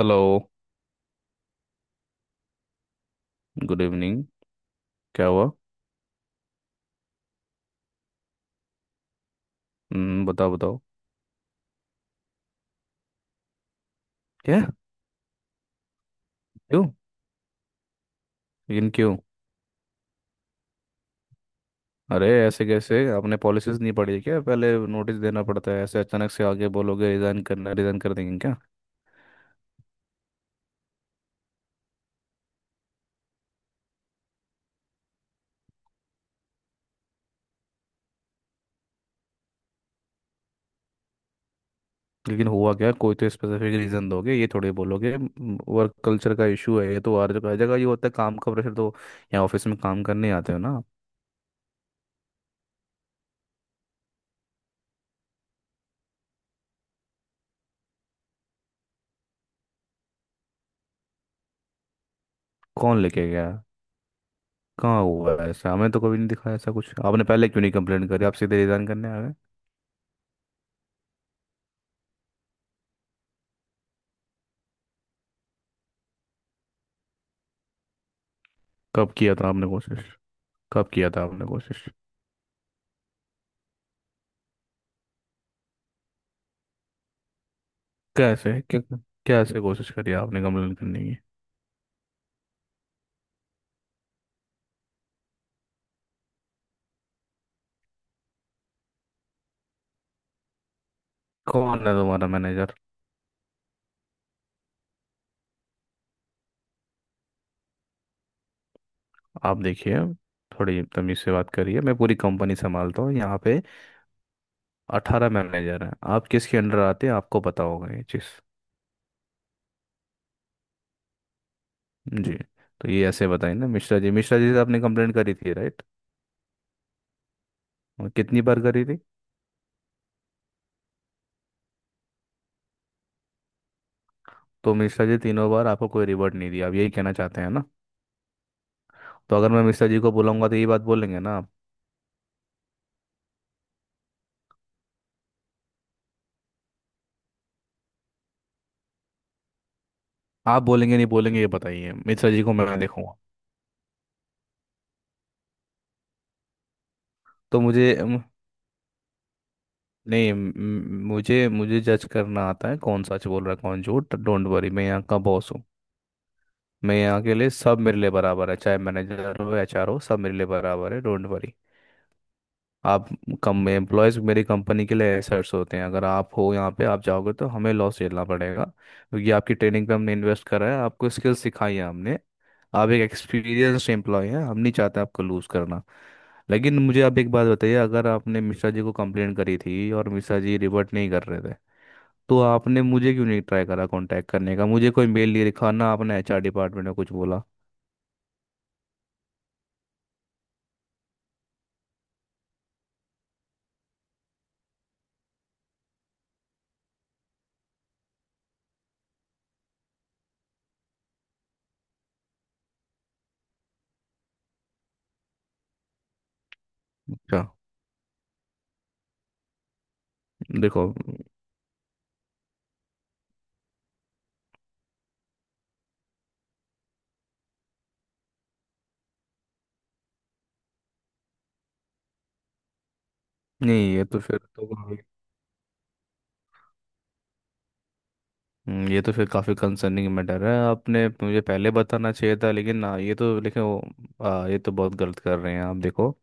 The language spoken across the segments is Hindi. हेलो। Good evening. क्या हुआ? हम्म, बताओ बताओ। क्या? क्यों? लेकिन क्यों? अरे ऐसे कैसे? आपने पॉलिसीज नहीं पढ़ी है क्या? पहले नोटिस देना पड़ता है, ऐसे अचानक से आगे बोलोगे रिजाइन करना, रिजाइन कर देंगे क्या? लेकिन हुआ क्या? कोई तो स्पेसिफिक रीजन दोगे, ये थोड़ी बोलोगे वर्क कल्चर का इशू है। ये तो हर जगह ये होता है, काम का प्रेशर तो। यहाँ ऑफिस में काम करने आते हो ना आप। कौन लेके गया? कहाँ हुआ है ऐसा? हमें तो कभी नहीं दिखा ऐसा कुछ। आपने पहले क्यों नहीं कंप्लेंट करी? आप सीधे रिजाइन करने आ गए? कब किया था आपने कोशिश? कब किया था आपने कोशिश? कैसे क्या? कैसे कोशिश करी आपने कंप्लेन करने की? कौन है तुम्हारा मैनेजर? आप देखिए, थोड़ी तमीज से बात करिए। मैं पूरी कंपनी संभालता हूँ यहाँ पे। 18 मैनेजर हैं, आप किसके अंडर आते हैं आपको पता होगा ये चीज़। जी। तो ये ऐसे बताइए ना, मिश्रा जी, मिश्रा जी से आपने कंप्लेंट करी थी राइट? और कितनी बार करी थी? तो मिश्रा जी तीनों बार आपको कोई रिवॉर्ड नहीं दिया, आप यही कहना चाहते हैं ना? तो अगर मैं मिश्रा जी को बुलाऊंगा तो ये बात बोलेंगे ना आप? आप बोलेंगे नहीं बोलेंगे ये बताइए, मिश्रा जी को मैं देखूंगा। तो मुझे, नहीं मुझे मुझे जज करना आता है कौन सच बोल रहा है कौन झूठ। डोंट वरी, मैं यहाँ का बॉस हूँ। मैं यहाँ के लिए, सब मेरे लिए बराबर है, चाहे मैनेजर हो HR हो, सब मेरे लिए बराबर है, डोंट वरी। आप कम, एम्प्लॉयज़ मेरी कंपनी के लिए एसेट्स होते हैं। अगर आप हो यहाँ पे, आप जाओगे तो हमें लॉस झेलना पड़ेगा, क्योंकि आपकी ट्रेनिंग पे हमने इन्वेस्ट करा है, आपको स्किल सिखाई है हमने। आप एक एक्सपीरियंस्ड एम्प्लॉय हैं, हम नहीं चाहते आपको लूज़ करना। लेकिन मुझे आप एक बात बताइए, अगर आपने मिश्रा जी को कंप्लेंट करी थी और मिश्रा जी रिवर्ट नहीं कर रहे थे, तो आपने मुझे क्यों नहीं ट्राई करा कांटेक्ट करने का? मुझे कोई मेल नहीं लिखा, ना आपने HR डिपार्टमेंट में कुछ बोला। अच्छा, देखो, नहीं, ये तो फिर तो, ये तो फिर काफ़ी कंसर्निंग मैटर है, आपने मुझे पहले बताना चाहिए था। लेकिन ये तो लेकिन ये तो बहुत गलत कर रहे हैं आप। देखो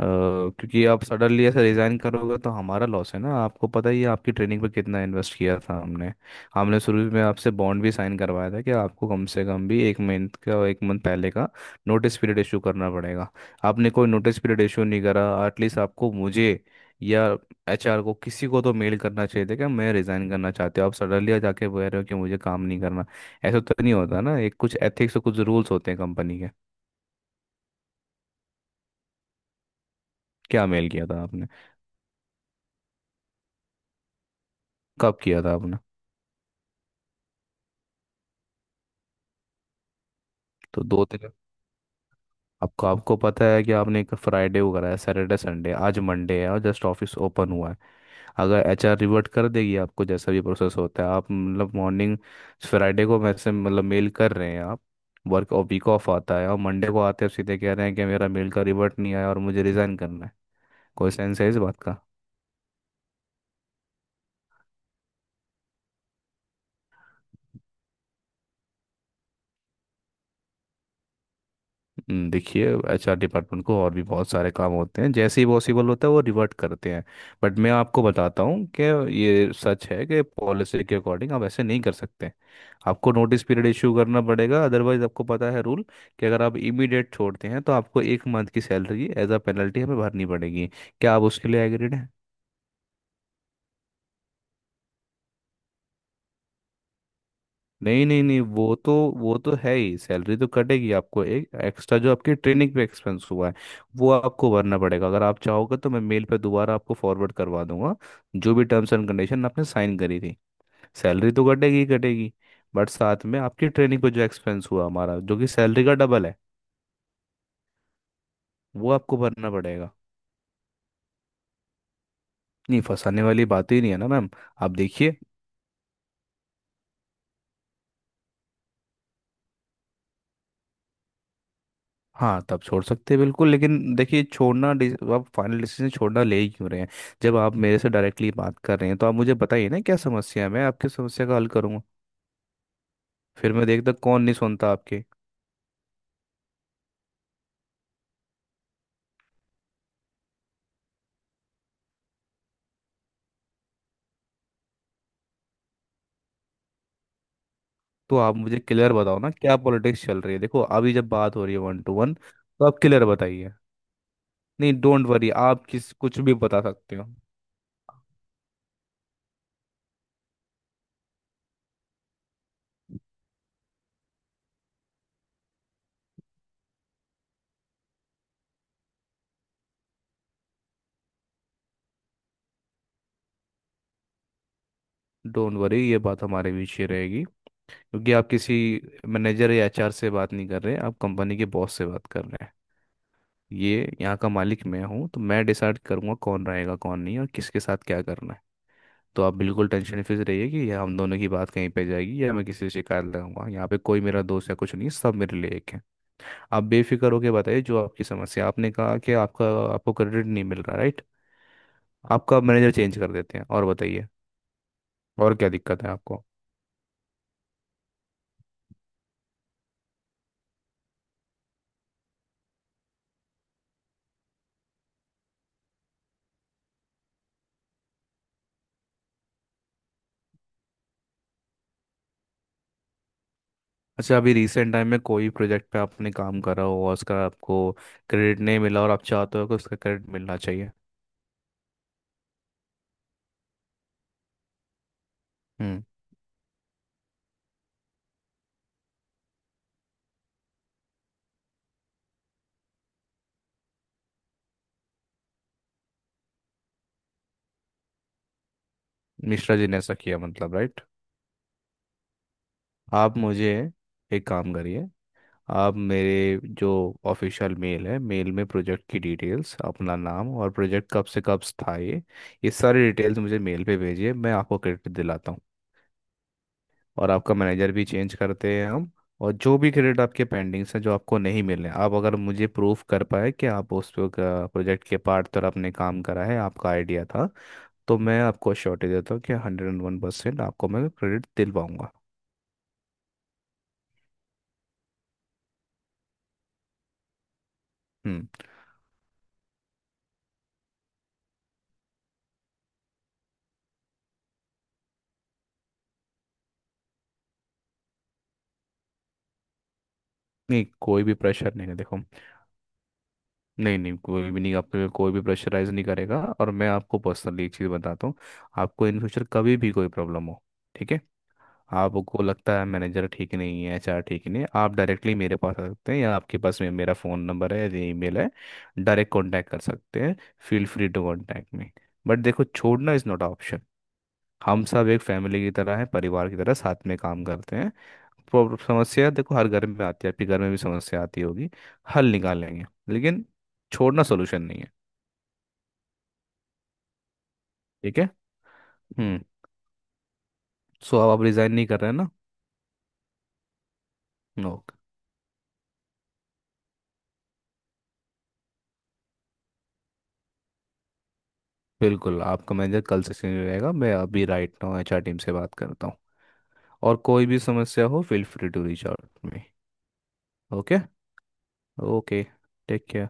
क्योंकि आप सडनली ऐसे रिज़ाइन करोगे तो हमारा लॉस है ना। आपको पता ही है आपकी ट्रेनिंग पे कितना इन्वेस्ट किया था हमने। हमने शुरू में आपसे बॉन्ड भी साइन करवाया था कि आपको कम से कम भी एक मंथ का, एक मंथ पहले का नोटिस पीरियड इशू करना पड़ेगा। आपने कोई नोटिस पीरियड इशू नहीं करा। एटलीस्ट आपको मुझे या HR को किसी को तो मेल करना चाहिए था कि मैं रिजाइन करना चाहते हो। आप सडनली जाके कह रहे हो कि मुझे काम नहीं करना, ऐसा तो नहीं होता ना। एक कुछ एथिक्स और कुछ रूल्स होते हैं कंपनी के। क्या मेल किया था आपने? कब किया था आपने? तो दो दिन, आपको आपको पता है कि आपने एक फ्राइडे को कराया, सैटरडे संडे, आज मंडे है और जस्ट ऑफिस ओपन हुआ है। अगर HR रिवर्ट कर देगी आपको, जैसा भी प्रोसेस होता है, आप मतलब मॉर्निंग, फ्राइडे को मैसेज मतलब मेल कर रहे हैं आप, वर्क और वीक ऑफ आता है, और मंडे को आते हैं सीधे कह रहे हैं कि मेरा मेल का रिवर्ट नहीं आया और मुझे रिजाइन करना है। कोई सेंस है इस बात का? देखिए, HR डिपार्टमेंट को और भी बहुत सारे काम होते हैं। जैसे ही पॉसिबल होता है वो रिवर्ट करते हैं। बट मैं आपको बताता हूँ कि ये सच है कि पॉलिसी के अकॉर्डिंग आप ऐसे नहीं कर सकते। आपको नोटिस पीरियड इशू करना पड़ेगा, अदरवाइज आपको पता है रूल, कि अगर आप इमीडिएट छोड़ते हैं तो आपको 1 मंथ की सैलरी एज अ पेनल्टी हमें भरनी पड़ेगी। क्या आप उसके लिए एग्रीड? नहीं नहीं नहीं, वो तो, वो तो है ही, सैलरी तो कटेगी। आपको एक एक्स्ट्रा, जो आपके ट्रेनिंग पे एक्सपेंस हुआ है, वो आपको भरना पड़ेगा। अगर आप चाहोगे तो मैं मेल पे दोबारा आपको फॉरवर्ड करवा दूंगा, जो भी टर्म्स एंड कंडीशन आपने साइन करी थी। सैलरी तो कटेगी ही कटेगी, बट साथ में आपकी ट्रेनिंग पे जो एक्सपेंस हुआ हमारा, जो कि सैलरी का डबल है, वो आपको भरना पड़ेगा। नहीं, फंसाने वाली बात ही नहीं है ना मैम। आप देखिए, हाँ तब छोड़ सकते हैं बिल्कुल, लेकिन देखिए छोड़ना, आप फाइनल डिसीजन छोड़ना ले ही क्यों रहे हैं? जब आप मेरे से डायरेक्टली बात कर रहे हैं तो आप मुझे बताइए ना क्या समस्या है, मैं आपकी समस्या का हल करूंगा। फिर मैं देखता कौन नहीं सुनता आपके। तो आप मुझे क्लियर बताओ ना क्या पॉलिटिक्स चल रही है। देखो अभी जब बात हो रही है वन टू वन, तो आप क्लियर बताइए। नहीं, डोंट वरी, आप किस, कुछ भी बता सकते हो। डोंट वरी, ये बात हमारे बीच ही रहेगी। क्योंकि आप किसी मैनेजर या HR से बात नहीं कर रहे, आप कंपनी के बॉस से बात कर रहे हैं। ये यहाँ का मालिक मैं हूँ, तो मैं डिसाइड करूंगा कौन रहेगा कौन नहीं और किसके साथ क्या करना है। तो आप बिल्कुल टेंशन फ्री रहिए कि यह हम दोनों की बात कहीं पे जाएगी, या मैं किसी से शिकायत लगाऊंगा। यहाँ पे कोई मेरा दोस्त या कुछ नहीं है, सब मेरे लिए एक है। आप बेफिक्र होके बताइए जो आपकी समस्या, आपने कहा कि आपका, आपको क्रेडिट नहीं मिल रहा राइट? आपका मैनेजर चेंज कर देते हैं, और बताइए, और क्या दिक्कत है आपको? अच्छा, अभी रिसेंट टाइम में कोई प्रोजेक्ट पे आपने काम करा हो और उसका आपको क्रेडिट नहीं मिला, और आप चाहते हो कि उसका क्रेडिट मिलना चाहिए? हम्म। मिश्रा जी ने ऐसा किया मतलब राइट? आप मुझे एक काम करिए, आप मेरे जो ऑफिशियल मेल है, मेल में प्रोजेक्ट की डिटेल्स, अपना नाम और प्रोजेक्ट कब से कब था, ये सारी डिटेल्स मुझे मेल पे भेजिए, मैं आपको क्रेडिट दिलाता हूँ। और आपका मैनेजर भी चेंज करते हैं हम। और जो भी क्रेडिट आपके पेंडिंग्स हैं जो आपको नहीं मिले, आप अगर मुझे प्रूफ कर पाए कि आप उस प्रोजेक्ट के पार्ट पर आपने काम करा है, आपका आइडिया था, तो मैं आपको श्योरिटी देता हूँ कि 101% आपको मैं क्रेडिट दिलवाऊंगा। हम्म। नहीं कोई भी प्रेशर नहीं है, देखो, नहीं नहीं, कोई भी नहीं, आप पे कोई भी प्रेशराइज नहीं करेगा। और मैं आपको पर्सनली एक चीज़ बताता हूँ, आपको इन फ्यूचर कभी भी कोई प्रॉब्लम हो, ठीक है, आपको लगता है मैनेजर ठीक नहीं है, HR ठीक नहीं है, आप डायरेक्टली मेरे पास आ सकते हैं, या आपके पास मेरा फ़ोन नंबर है या ईमेल है, डायरेक्ट कांटेक्ट कर सकते हैं। Feel free to contact me. But देखो, छोड़ना इज़ नॉट ऑप्शन। हम सब एक फैमिली की तरह हैं, परिवार की तरह साथ में काम करते हैं। प्रॉब्लम, समस्या देखो हर घर में आती है, आपके घर में भी समस्या आती होगी, हल निकाल लेंगे। लेकिन छोड़ना सोल्यूशन नहीं है। ठीक है। हम्म। सो अब आप रिजाइन नहीं कर रहे हैं ना? नो। बिल्कुल, आपका मैनेजर कल से सीनियर रहेगा, मैं अभी राइट नाउ HR टीम से बात करता हूँ। और कोई भी समस्या हो, feel free to reach out me. Okay. Okay. Take care.